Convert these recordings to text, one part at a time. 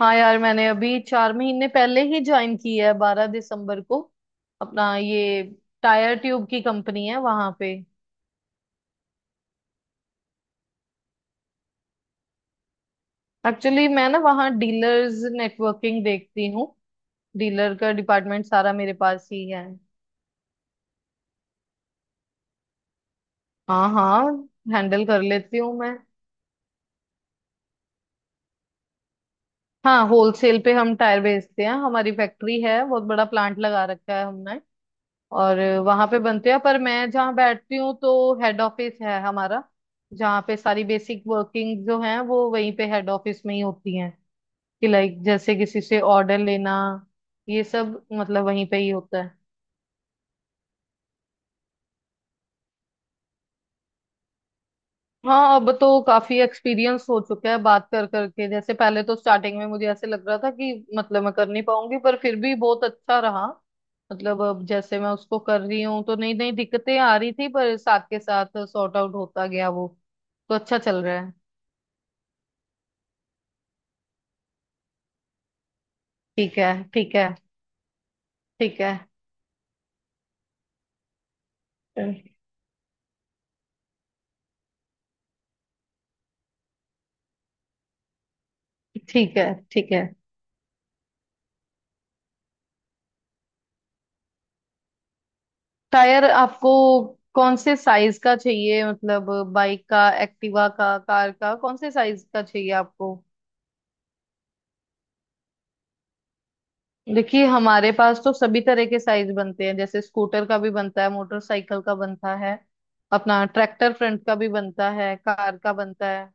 हाँ यार, मैंने अभी 4 महीने पहले ही ज्वाइन की है, 12 दिसंबर को। अपना ये टायर ट्यूब की कंपनी है वहां पे। एक्चुअली मैं ना वहाँ डीलर्स नेटवर्किंग देखती हूँ। डीलर का डिपार्टमेंट सारा मेरे पास ही है। हाँ हाँ, हैंडल कर लेती हूँ मैं। हाँ, होलसेल पे हम टायर बेचते हैं। हमारी फैक्ट्री है, बहुत बड़ा प्लांट लगा रखा है हमने। और वहां पे बनते हैं, पर मैं जहाँ बैठती हूँ तो हेड ऑफिस है हमारा। जहाँ पे सारी बेसिक वर्किंग जो है, वो वहीं पे हेड ऑफिस में ही होती है। कि लाइक जैसे किसी से ऑर्डर लेना, ये सब मतलब वहीं पे ही होता है। हाँ, अब तो काफी एक्सपीरियंस हो चुका है बात कर करके। जैसे पहले तो स्टार्टिंग में मुझे ऐसे लग रहा था कि मतलब मैं कर नहीं पाऊंगी, पर फिर भी बहुत अच्छा रहा। मतलब अब जैसे मैं उसको कर रही हूँ तो नई नई दिक्कतें आ रही थी, पर साथ के साथ सॉर्ट आउट होता गया वो। तो अच्छा चल रहा है। ठीक है। ठीक है। ठीक है। ठीक है। ठीक है। टायर आपको कौन से साइज का चाहिए? मतलब बाइक का, एक्टिवा का, कार का, कौन से साइज का चाहिए आपको? देखिए, हमारे पास तो सभी तरह के साइज बनते हैं। जैसे स्कूटर का भी बनता है, मोटरसाइकिल का बनता है, अपना ट्रैक्टर फ्रंट का भी बनता है, कार का बनता है।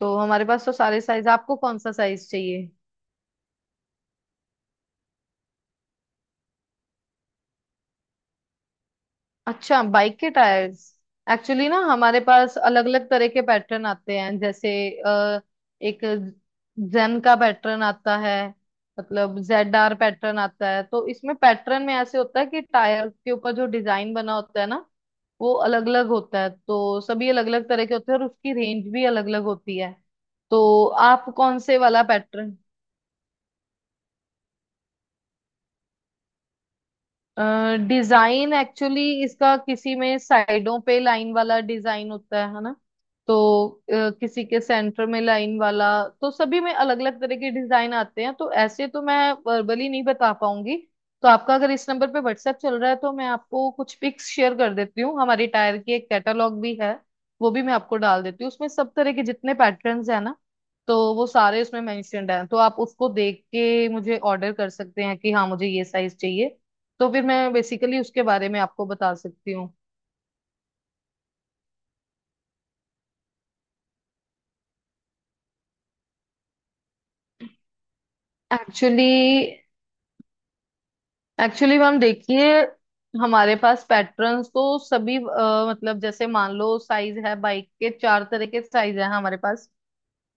तो हमारे पास तो सारे साइज, आपको कौन सा साइज चाहिए? अच्छा, बाइक के टायर्स। एक्चुअली ना हमारे पास अलग अलग तरह के पैटर्न आते हैं। जैसे अ, एक जेन का पैटर्न आता है, मतलब ZR पैटर्न आता है। तो इसमें पैटर्न में ऐसे होता है कि टायर के ऊपर जो डिजाइन बना होता है ना, वो अलग अलग होता है। तो सभी अलग अलग तरह के होते हैं और उसकी रेंज भी अलग अलग होती है। तो आप कौन से वाला पैटर्न? डिजाइन एक्चुअली इसका किसी में साइडों पे लाइन वाला डिजाइन होता है ना? तो किसी के सेंटर में लाइन वाला। तो सभी में अलग अलग तरह के डिजाइन आते हैं। तो ऐसे तो मैं वर्बली नहीं बता पाऊंगी। तो आपका अगर इस नंबर पे व्हाट्सएप चल रहा है तो मैं आपको कुछ पिक्स शेयर कर देती हूँ। हमारी टायर की एक कैटलॉग भी है, वो भी मैं आपको डाल देती हूँ। उसमें सब तरह के जितने पैटर्न्स है ना, तो वो सारे उसमें मेंशन्ड हैं। तो आप उसको देख के मुझे ऑर्डर कर सकते हैं कि हाँ मुझे ये साइज चाहिए। तो फिर मैं बेसिकली उसके बारे में आपको बता सकती हूँ। एक्चुअली एक्चुअली मैम, देखिए, हमारे पास पैटर्न्स तो सभी मतलब जैसे मान लो, साइज है बाइक के, चार तरह के साइज है हमारे पास।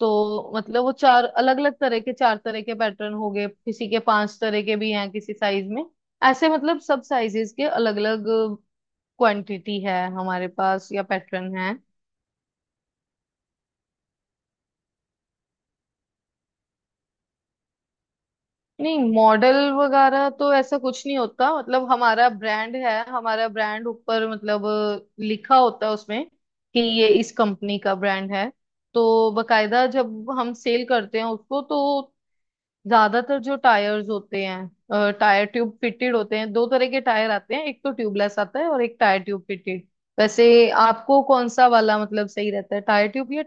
तो मतलब वो चार अलग अलग तरह के, चार तरह के पैटर्न हो गए, किसी के पांच तरह के भी हैं किसी साइज में। ऐसे मतलब सब साइजेस के अलग अलग क्वांटिटी है हमारे पास या पैटर्न है। नहीं, मॉडल वगैरह तो ऐसा कुछ नहीं होता। मतलब हमारा ब्रांड है, हमारा ब्रांड ऊपर मतलब लिखा होता है उसमें कि ये इस कंपनी का ब्रांड है। तो बकायदा जब हम सेल करते हैं उसको, तो ज्यादातर जो टायर्स होते हैं, टायर ट्यूब फिटेड होते हैं। दो तरह के टायर आते हैं, एक तो ट्यूबलेस आता है और एक टायर ट्यूब फिटेड। वैसे आपको कौन सा वाला मतलब सही रहता है, टायर ट्यूब या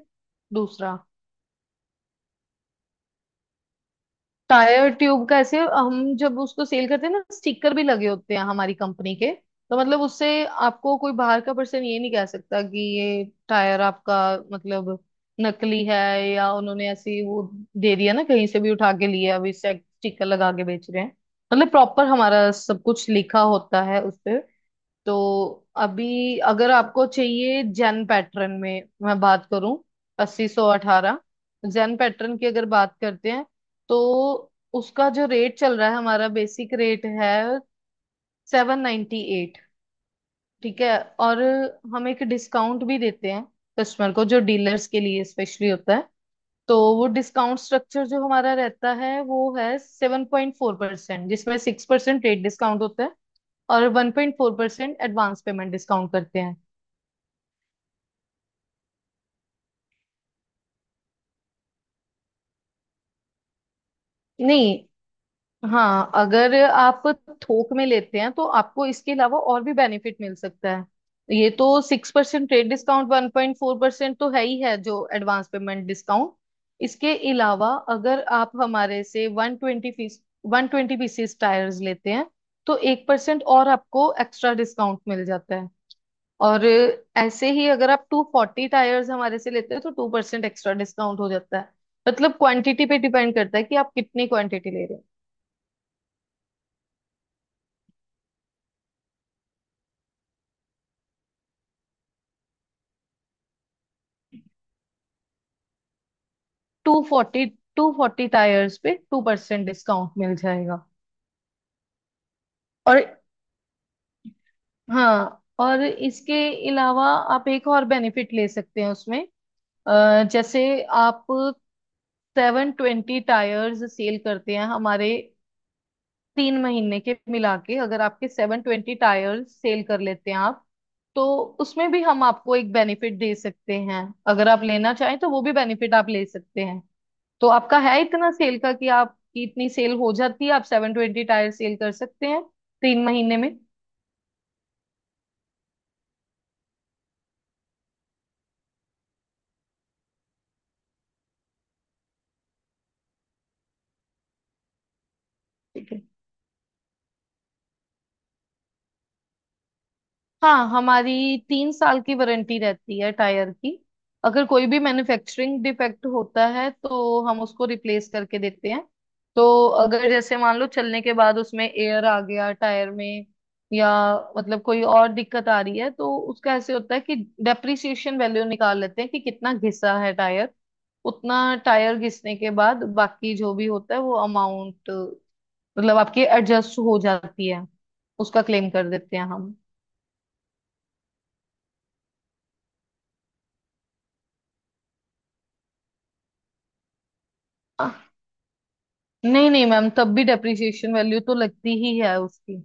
दूसरा? टायर ट्यूब का ऐसे, हम जब उसको सेल करते हैं ना, स्टिकर भी लगे होते हैं हमारी कंपनी के। तो मतलब उससे आपको कोई बाहर का पर्सन ये नहीं कह सकता कि ये टायर आपका मतलब नकली है, या उन्होंने ऐसी वो दे दिया ना, कहीं से भी उठा के लिया अभी स्टिकर लगा के बेच रहे हैं। मतलब प्रॉपर हमारा सब कुछ लिखा होता है उस पे। तो अभी अगर आपको चाहिए जेन पैटर्न में, मैं बात करूं, अस्सी सौ अठारह जेन पैटर्न की अगर बात करते हैं, तो उसका जो रेट चल रहा है, हमारा बेसिक रेट है 798। ठीक है। और हम एक डिस्काउंट भी देते हैं कस्टमर को, जो डीलर्स के लिए स्पेशली होता है। तो वो डिस्काउंट स्ट्रक्चर जो हमारा रहता है, वो है 7.4%, जिसमें 6% रेट डिस्काउंट होता है और 1.4% एडवांस पेमेंट डिस्काउंट करते हैं। नहीं। हाँ, अगर आप थोक में लेते हैं तो आपको इसके अलावा और भी बेनिफिट मिल सकता है। ये तो 6% ट्रेड डिस्काउंट, 1.4% तो है ही है जो एडवांस पेमेंट डिस्काउंट। इसके अलावा अगर आप हमारे से 120 पीसीस टायर्स लेते हैं, तो 1% और आपको एक्स्ट्रा डिस्काउंट मिल जाता है। और ऐसे ही अगर आप 240 टायर्स हमारे से लेते हैं तो 2% एक्स्ट्रा डिस्काउंट हो जाता है। मतलब क्वांटिटी पे डिपेंड करता है कि आप कितनी क्वांटिटी ले रहे। टू फोर्टी 240 टायर्स पे 2% डिस्काउंट मिल जाएगा। और, हाँ, और इसके अलावा आप एक और बेनिफिट ले सकते हैं उसमें। जैसे आप 720 टायर्स सेल करते हैं हमारे, 3 महीने के मिला के, अगर आपके 720 टायर्स सेल कर लेते हैं आप, तो उसमें भी हम आपको एक बेनिफिट दे सकते हैं। अगर आप लेना चाहें तो वो भी बेनिफिट आप ले सकते हैं। तो आपका है इतना सेल का कि आपकी इतनी सेल हो जाती है, आप सेवन ट्वेंटी टायर सेल कर सकते हैं 3 महीने में? ठीक है। हाँ, हमारी 3 साल की वारंटी रहती है टायर की। अगर कोई भी मैन्युफैक्चरिंग डिफेक्ट होता है तो हम उसको रिप्लेस करके देते हैं। तो अगर जैसे मान लो चलने के बाद उसमें एयर आ गया टायर में, या मतलब कोई और दिक्कत आ रही है, तो उसका ऐसे होता है कि डेप्रिसिएशन वैल्यू निकाल लेते हैं कि कितना घिसा है टायर। उतना टायर घिसने के बाद बाकी जो भी होता है वो अमाउंट मतलब आपकी एडजस्ट हो जाती है। उसका क्लेम कर देते हैं हम। नहीं नहीं मैम, तब भी डेप्रिसिएशन वैल्यू तो लगती ही है उसकी।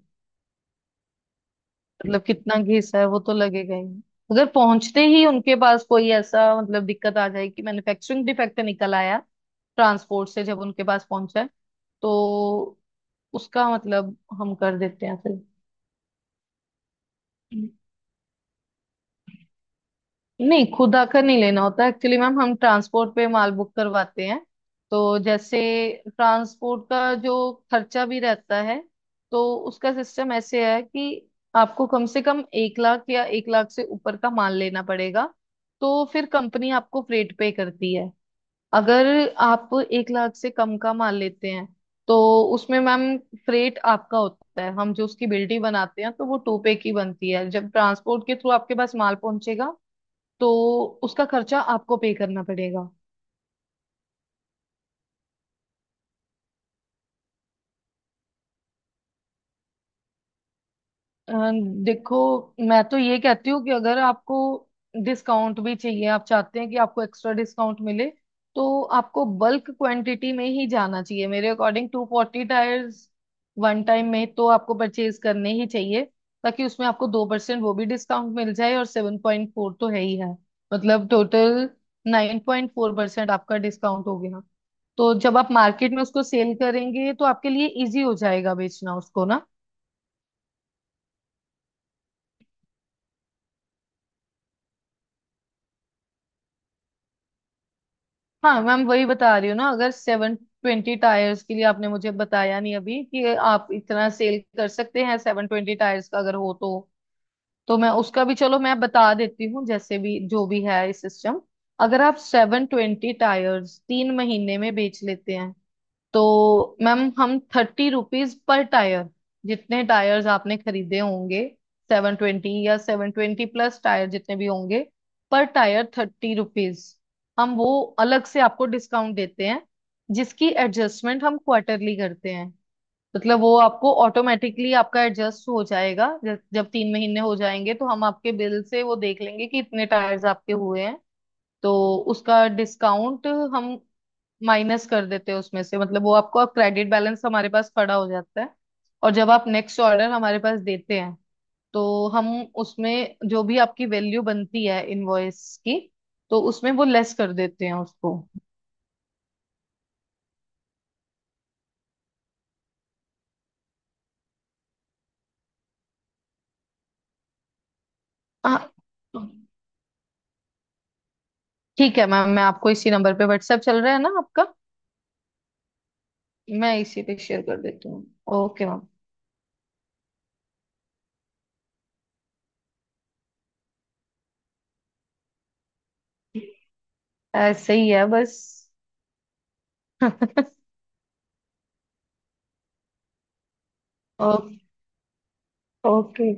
मतलब कितना घिसा है वो तो लगेगा ही। अगर पहुंचते ही उनके पास कोई ऐसा मतलब दिक्कत आ जाए कि मैन्युफैक्चरिंग डिफेक्ट निकल आया, ट्रांसपोर्ट से जब उनके पास पहुंचा है, तो उसका मतलब हम कर देते हैं। फिर नहीं, खुद आकर नहीं लेना होता। एक्चुअली मैम हम ट्रांसपोर्ट पे माल बुक करवाते हैं। तो जैसे ट्रांसपोर्ट का जो खर्चा भी रहता है, तो उसका सिस्टम ऐसे है कि आपको कम से कम 1 लाख या 1 लाख से ऊपर का माल लेना पड़ेगा, तो फिर कंपनी आपको फ्रेट पे करती है। अगर आप 1 लाख से कम का माल लेते हैं, तो उसमें मैम फ्रेट आपका होता है। हम जो उसकी बिल्टी बनाते हैं तो वो टू पे की बनती है। जब ट्रांसपोर्ट के थ्रू आपके पास माल पहुंचेगा तो उसका खर्चा आपको पे करना पड़ेगा। अ, देखो, मैं तो ये कहती हूँ कि अगर आपको डिस्काउंट भी चाहिए, आप चाहते हैं कि आपको एक्स्ट्रा डिस्काउंट मिले, तो आपको बल्क क्वांटिटी में ही जाना चाहिए मेरे अकॉर्डिंग। 240 टायर्स वन टाइम में तो आपको परचेज करने ही चाहिए, ताकि उसमें आपको 2% वो भी डिस्काउंट मिल जाए और सेवन पॉइंट फोर तो है ही है। मतलब टोटल 9.4% आपका डिस्काउंट हो गया। तो जब आप मार्केट में उसको सेल करेंगे तो आपके लिए इजी हो जाएगा बेचना उसको ना। हाँ मैम, वही बता रही हूँ ना, अगर 720 टायर्स के लिए, आपने मुझे बताया नहीं अभी कि आप इतना सेल कर सकते हैं 720 टायर्स का अगर हो, तो मैं उसका भी, चलो मैं बता देती हूँ, जैसे भी जो भी है सिस्टम। अगर आप 720 टायर्स 3 महीने में बेच लेते हैं, तो मैम हम 30 रुपीज पर टायर, जितने टायर्स आपने खरीदे होंगे, 720 या 720 प्लस टायर जितने भी होंगे, पर टायर 30 रुपीज हम वो अलग से आपको डिस्काउंट देते हैं, जिसकी एडजस्टमेंट हम क्वार्टरली करते हैं। मतलब वो आपको ऑटोमेटिकली आपका एडजस्ट हो जाएगा। जब जब 3 महीने हो जाएंगे तो हम आपके बिल से वो देख लेंगे कि इतने टायर्स आपके हुए हैं, तो उसका डिस्काउंट हम माइनस कर देते हैं उसमें से। मतलब वो आपको अब क्रेडिट बैलेंस हमारे पास खड़ा हो जाता है। और जब आप नेक्स्ट ऑर्डर हमारे पास देते हैं, तो हम उसमें जो भी आपकी वैल्यू बनती है इनवॉइस की, तो उसमें वो लेस कर देते हैं उसको। हाँ, ठीक है मैम, मैं आपको इसी नंबर पे, व्हाट्सएप चल रहा है ना आपका? मैं इसी पे शेयर कर देती हूँ। Okay ma'am. ऐसे ही है बस। ओ, ओके।